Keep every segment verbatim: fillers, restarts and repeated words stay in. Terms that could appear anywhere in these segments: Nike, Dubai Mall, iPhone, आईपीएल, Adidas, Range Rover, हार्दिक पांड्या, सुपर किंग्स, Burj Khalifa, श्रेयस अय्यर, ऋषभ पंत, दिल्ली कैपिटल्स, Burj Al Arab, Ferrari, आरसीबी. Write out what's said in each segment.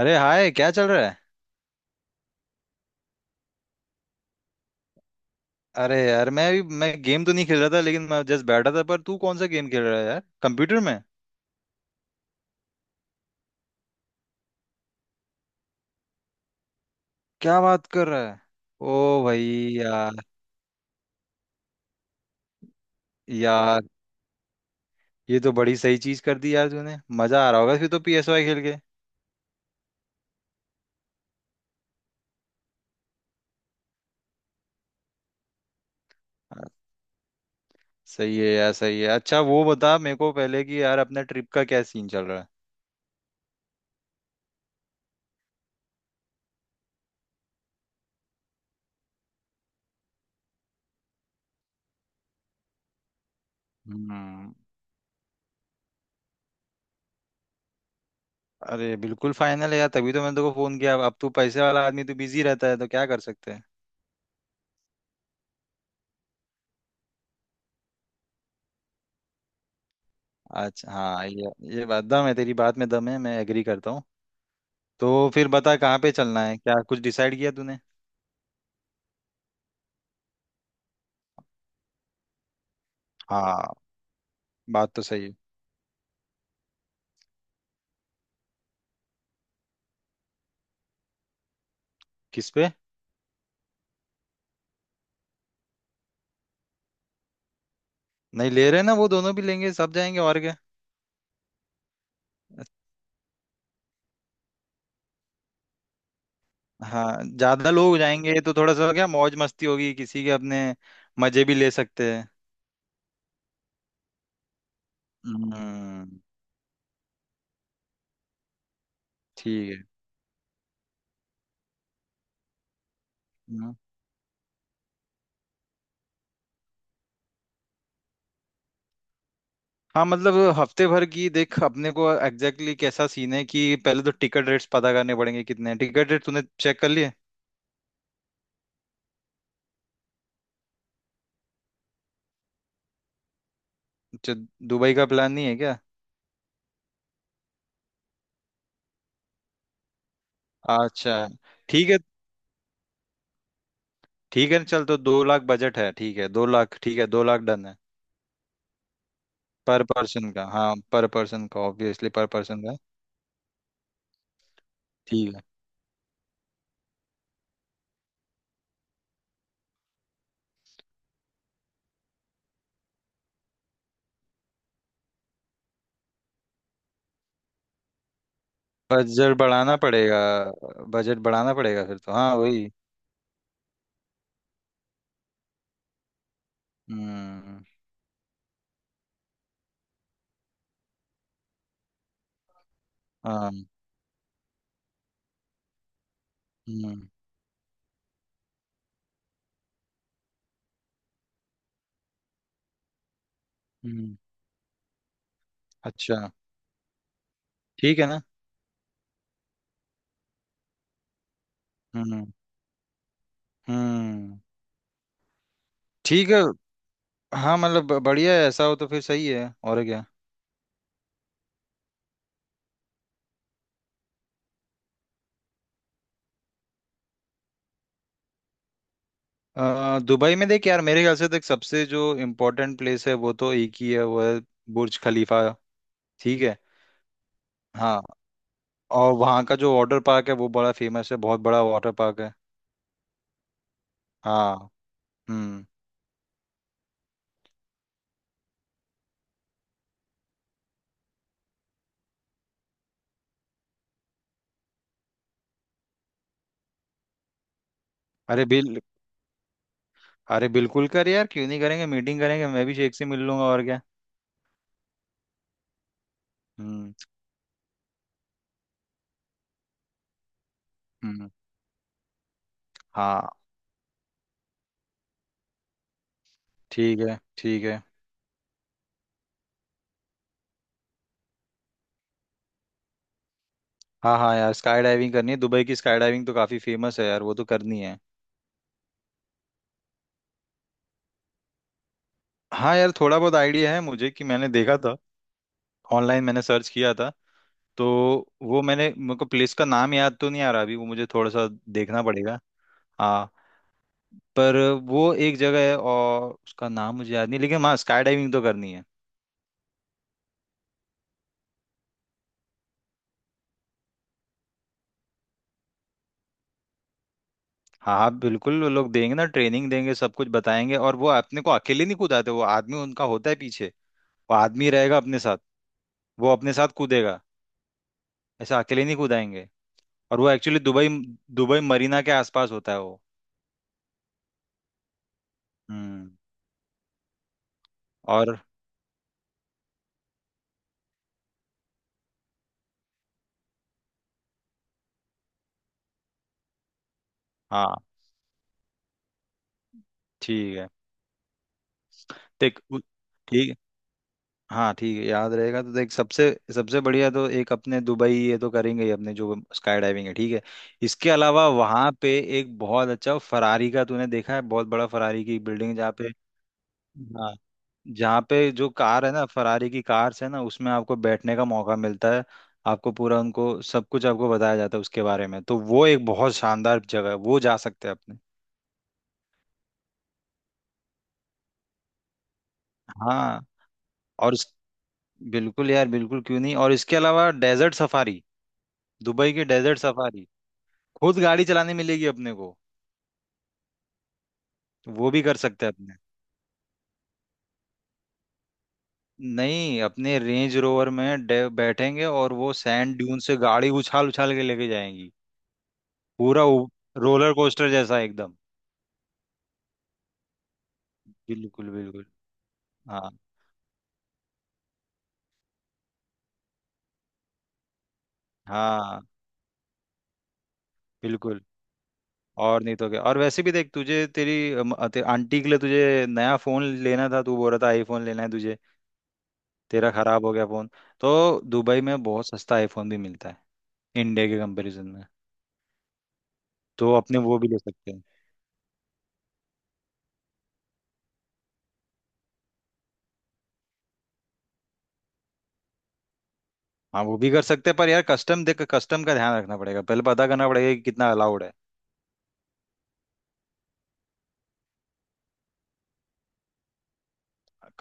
अरे हाय, क्या चल रहा है। अरे यार, मैं अभी मैं गेम तो नहीं खेल रहा था लेकिन मैं जस्ट बैठा था। पर तू कौन सा गेम खेल रहा है यार, कंप्यूटर में? क्या बात कर रहा है! ओ भाई! यार यार, ये तो बड़ी सही चीज कर दी यार तूने। मजा आ रहा होगा फिर तो पीएसवाई खेल के। आ, सही है यार, सही है। अच्छा वो बता मेरे को पहले कि यार, अपने ट्रिप का क्या सीन चल रहा है? हम्म। अरे बिल्कुल फाइनल है यार, तभी तो मैंने तेको फोन किया। अब तू पैसे वाला आदमी, तू बिजी रहता है तो क्या कर सकते हैं। अच्छा हाँ, ये ये बात दम है, तेरी बात में दम है, मैं एग्री करता हूँ। तो फिर बता कहाँ पे चलना है, क्या कुछ डिसाइड किया तूने? हाँ, बात तो सही है। किस पे? नहीं ले रहे ना, वो दोनों भी लेंगे, सब जाएंगे और क्या। हाँ, ज्यादा लोग जाएंगे तो थोड़ा सा क्या मौज मस्ती होगी किसी के अपने, मजे भी ले सकते हैं। हम्म। ठीक है। हम्म। हाँ मतलब हफ्ते भर की देख, अपने को एग्जैक्टली exactly कैसा सीन है कि पहले तो टिकट रेट्स पता करने पड़ेंगे, कितने हैं टिकट रेट, तूने चेक कर लिए? अच्छा, दुबई का प्लान नहीं है क्या? अच्छा, ठीक है। ठीक है ना, चल तो दो लाख बजट है, ठीक है दो लाख, ठीक है दो लाख डन है। पर पर्सन का हाँ, पर पर्सन का ऑब्वियसली पर पर्सन का। ठीक है। बजट बढ़ाना पड़ेगा, बजट बढ़ाना पड़ेगा फिर तो, हाँ वही। हम्म। हाँ। हम्म। हम्म। अच्छा, ठीक है ना। हम्म। हम्म। ठीक है। हाँ मतलब ब- बढ़िया है, ऐसा हो तो फिर सही है और क्या। अ, दुबई में देख यार, मेरे ख्याल से देख सबसे जो इम्पोर्टेंट प्लेस है वो तो एक ही है, वो है बुर्ज खलीफा। ठीक है। हाँ, और वहाँ का जो वाटर पार्क है वो बड़ा फेमस है, बहुत बड़ा वाटर पार्क है। हाँ। हम्म। अरे बिल अरे बिल्कुल कर यार, क्यों नहीं करेंगे, मीटिंग करेंगे, मैं भी शेख से मिल लूंगा और क्या। हम्म। हम्म। हाँ ठीक है, ठीक है। हाँ हाँ यार, स्काई डाइविंग करनी है, दुबई की स्काई डाइविंग तो काफी फेमस है यार, वो तो करनी है। हाँ यार, थोड़ा बहुत आइडिया है मुझे कि मैंने देखा था, ऑनलाइन मैंने सर्च किया था तो। वो मैंने, मेरे को प्लेस का नाम याद तो नहीं आ रहा अभी, वो मुझे थोड़ा सा देखना पड़ेगा। हाँ पर वो एक जगह है और उसका नाम मुझे याद नहीं, लेकिन हाँ स्काई डाइविंग तो करनी है। हाँ हाँ बिल्कुल, वो लोग देंगे ना, ट्रेनिंग देंगे, सब कुछ बताएंगे, और वो अपने को अकेले नहीं कूदाते, वो आदमी उनका होता है पीछे। वो आदमी रहेगा अपने साथ, वो अपने साथ कूदेगा, ऐसा अकेले नहीं कूदाएंगे। और वो एक्चुअली दुबई, दुबई मरीना के आसपास होता है वो। हम्म। और हाँ ठीक है, देख उ- ठीक, हाँ ठीक है याद रहेगा तो देख, सबसे सबसे बढ़िया तो एक अपने दुबई ये तो करेंगे ही, अपने जो स्काई डाइविंग है, ठीक है। इसके अलावा वहां पे एक बहुत अच्छा फरारी का तूने देखा है, बहुत बड़ा फरारी की बिल्डिंग, जहाँ पे हाँ, जहाँ पे जो कार है ना, फरारी की कार्स है ना, उसमें आपको बैठने का मौका मिलता है। आपको पूरा उनको सब कुछ आपको बताया जाता है उसके बारे में, तो वो एक बहुत शानदार जगह है, वो जा सकते हैं अपने। हाँ और इस बिल्कुल यार बिल्कुल, क्यों नहीं, और इसके अलावा डेजर्ट सफारी, दुबई की डेजर्ट सफारी, खुद गाड़ी चलाने मिलेगी अपने को। वो भी कर सकते हैं अपने। नहीं, अपने रेंज रोवर में डे- बैठेंगे और वो सैंड ड्यून से गाड़ी उछाल उछाल के लेके जाएंगी। पूरा उ- रोलर कोस्टर जैसा एकदम। बिल्कुल बिल्कुल। हाँ हाँ बिल्कुल। और नहीं तो क्या, और वैसे भी देख, तुझे तेरी अम, ते, आंटी के लिए तुझे नया फोन लेना था, तू बोल रहा था आईफोन लेना है तुझे, तेरा खराब हो गया फोन। तो दुबई में बहुत सस्ता आईफोन भी मिलता है, इंडिया के कंपैरिजन में। तो अपने वो भी ले सकते हैं। हाँ वो भी कर सकते हैं पर यार कस्टम देख, कस्टम का ध्यान रखना पड़ेगा, पहले पता करना पड़ेगा कि कितना अलाउड है।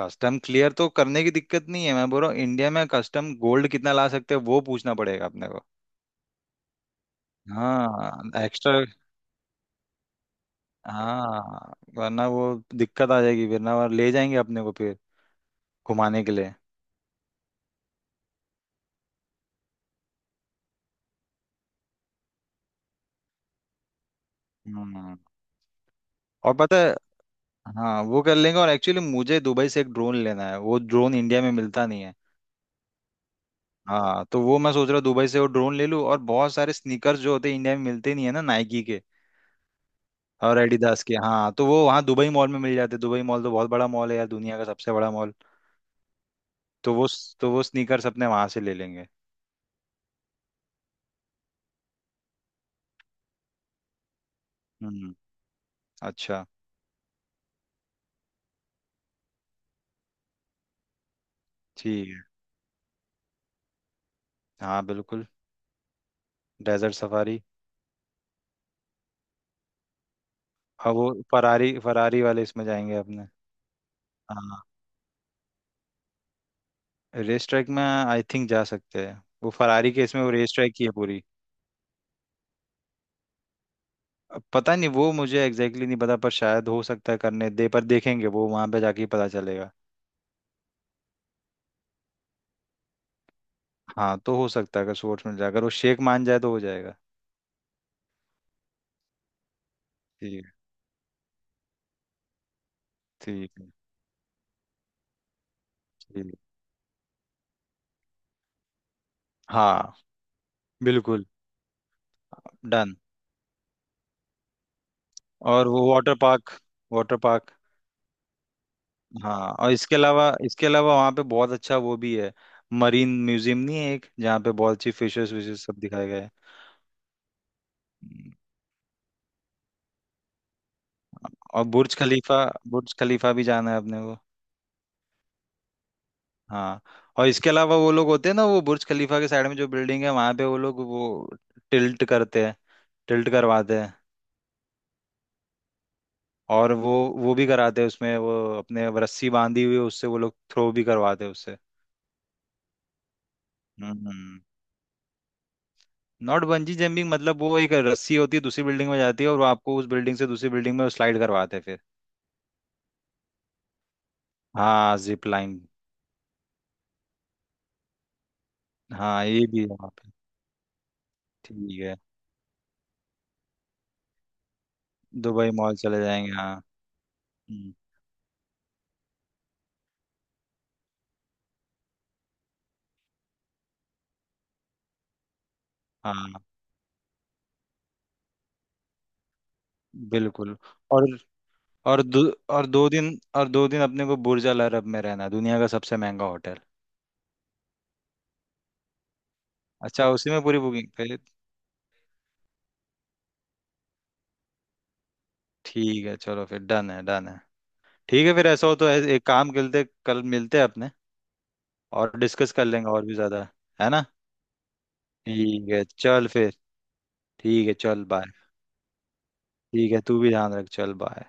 कस्टम क्लियर तो करने की दिक्कत नहीं है, मैं बोल रहा हूँ इंडिया में कस्टम गोल्ड कितना ला सकते हैं वो पूछना पड़ेगा अपने को। हाँ एक्स्ट्रा। हाँ वरना वो, दिक्कत आ जाएगी, वरना वो ले जाएंगे अपने को फिर घुमाने के लिए। हम्म। और पता है, हाँ वो कर लेंगे, और एक्चुअली मुझे दुबई से एक ड्रोन लेना है, वो ड्रोन इंडिया में मिलता नहीं है। हाँ तो वो मैं सोच रहा हूँ दुबई से वो ड्रोन ले लूँ, और बहुत सारे स्नीकर्स जो होते हैं इंडिया में मिलते नहीं है ना, नाइकी के और एडिडास के। हाँ तो वो वहाँ दुबई मॉल में मिल जाते हैं, दुबई मॉल तो बहुत बड़ा मॉल है यार, दुनिया का सबसे बड़ा मॉल। तो वो तो वो स्नीकर्स अपने वहाँ से ले लेंगे। हम्म। अच्छा, ठीक है। हाँ बिल्कुल। Desert safari. हाँ वो फरारी, फरारी वाले इसमें जाएंगे अपने। हाँ, रेस ट्रैक में आई थिंक जा सकते हैं, वो फरारी के इसमें वो रेस ट्रैक की है पूरी। अब पता नहीं, वो मुझे एग्जैक्टली exactly नहीं पता, पर शायद हो सकता है करने दे, पर देखेंगे वो वहाँ पे जाके ही पता चलेगा। हाँ तो हो सकता है, अगर स्पोर्ट्स मिल जाए, अगर वो शेख मान जाए तो हो जाएगा। ठीक है। ठीक है। ठीक है। हाँ बिल्कुल। डन। और वो वाटर पार्क, वाटर पार्क। हाँ, और इसके अलावा इसके अलावा वहाँ पे बहुत अच्छा वो भी है, मरीन म्यूजियम नहीं है एक, जहाँ पे बहुत अच्छी फिशेस विशेस सब दिखाए गए हैं। हम्म, और बुर्ज खलीफा, बुर्ज खलीफा भी जाना है अपने को। हाँ, और इसके अलावा वो लोग होते हैं ना, वो बुर्ज खलीफा के साइड में जो बिल्डिंग है वहाँ पे वो लोग वो टिल्ट करते हैं, टिल्ट करवाते हैं। और वो वो भी कराते हैं उसमें वो, अपने रस्सी बांधी हुई है, उससे वो लोग थ्रो भी करवाते हैं उससे। हम्म। नॉट बंजी जंपिंग, मतलब वो एक रस्सी होती है, दूसरी बिल्डिंग में जाती है और वो आपको उस बिल्डिंग से दूसरी बिल्डिंग में स्लाइड करवाते हैं फिर। हाँ जिप लाइन। हाँ ये भी है वहाँ पे। ठीक है, दुबई मॉल चले जाएंगे हाँ। हम्म, हाँ बिल्कुल। और और दो और दो दिन और दो दिन अपने को बुर्ज अल अरब में रहना है, दुनिया का सबसे महंगा होटल। अच्छा, उसी में पूरी बुकिंग फिर। ठीक है चलो, फिर डन है, डन है। ठीक है, फिर ऐसा हो तो ऐ- एक काम करते, कल मिलते हैं अपने, और डिस्कस कर लेंगे और भी ज्यादा, है ना। ठीक है चल फिर, ठीक है चल बाय। ठीक है, तू भी ध्यान रख, चल बाय।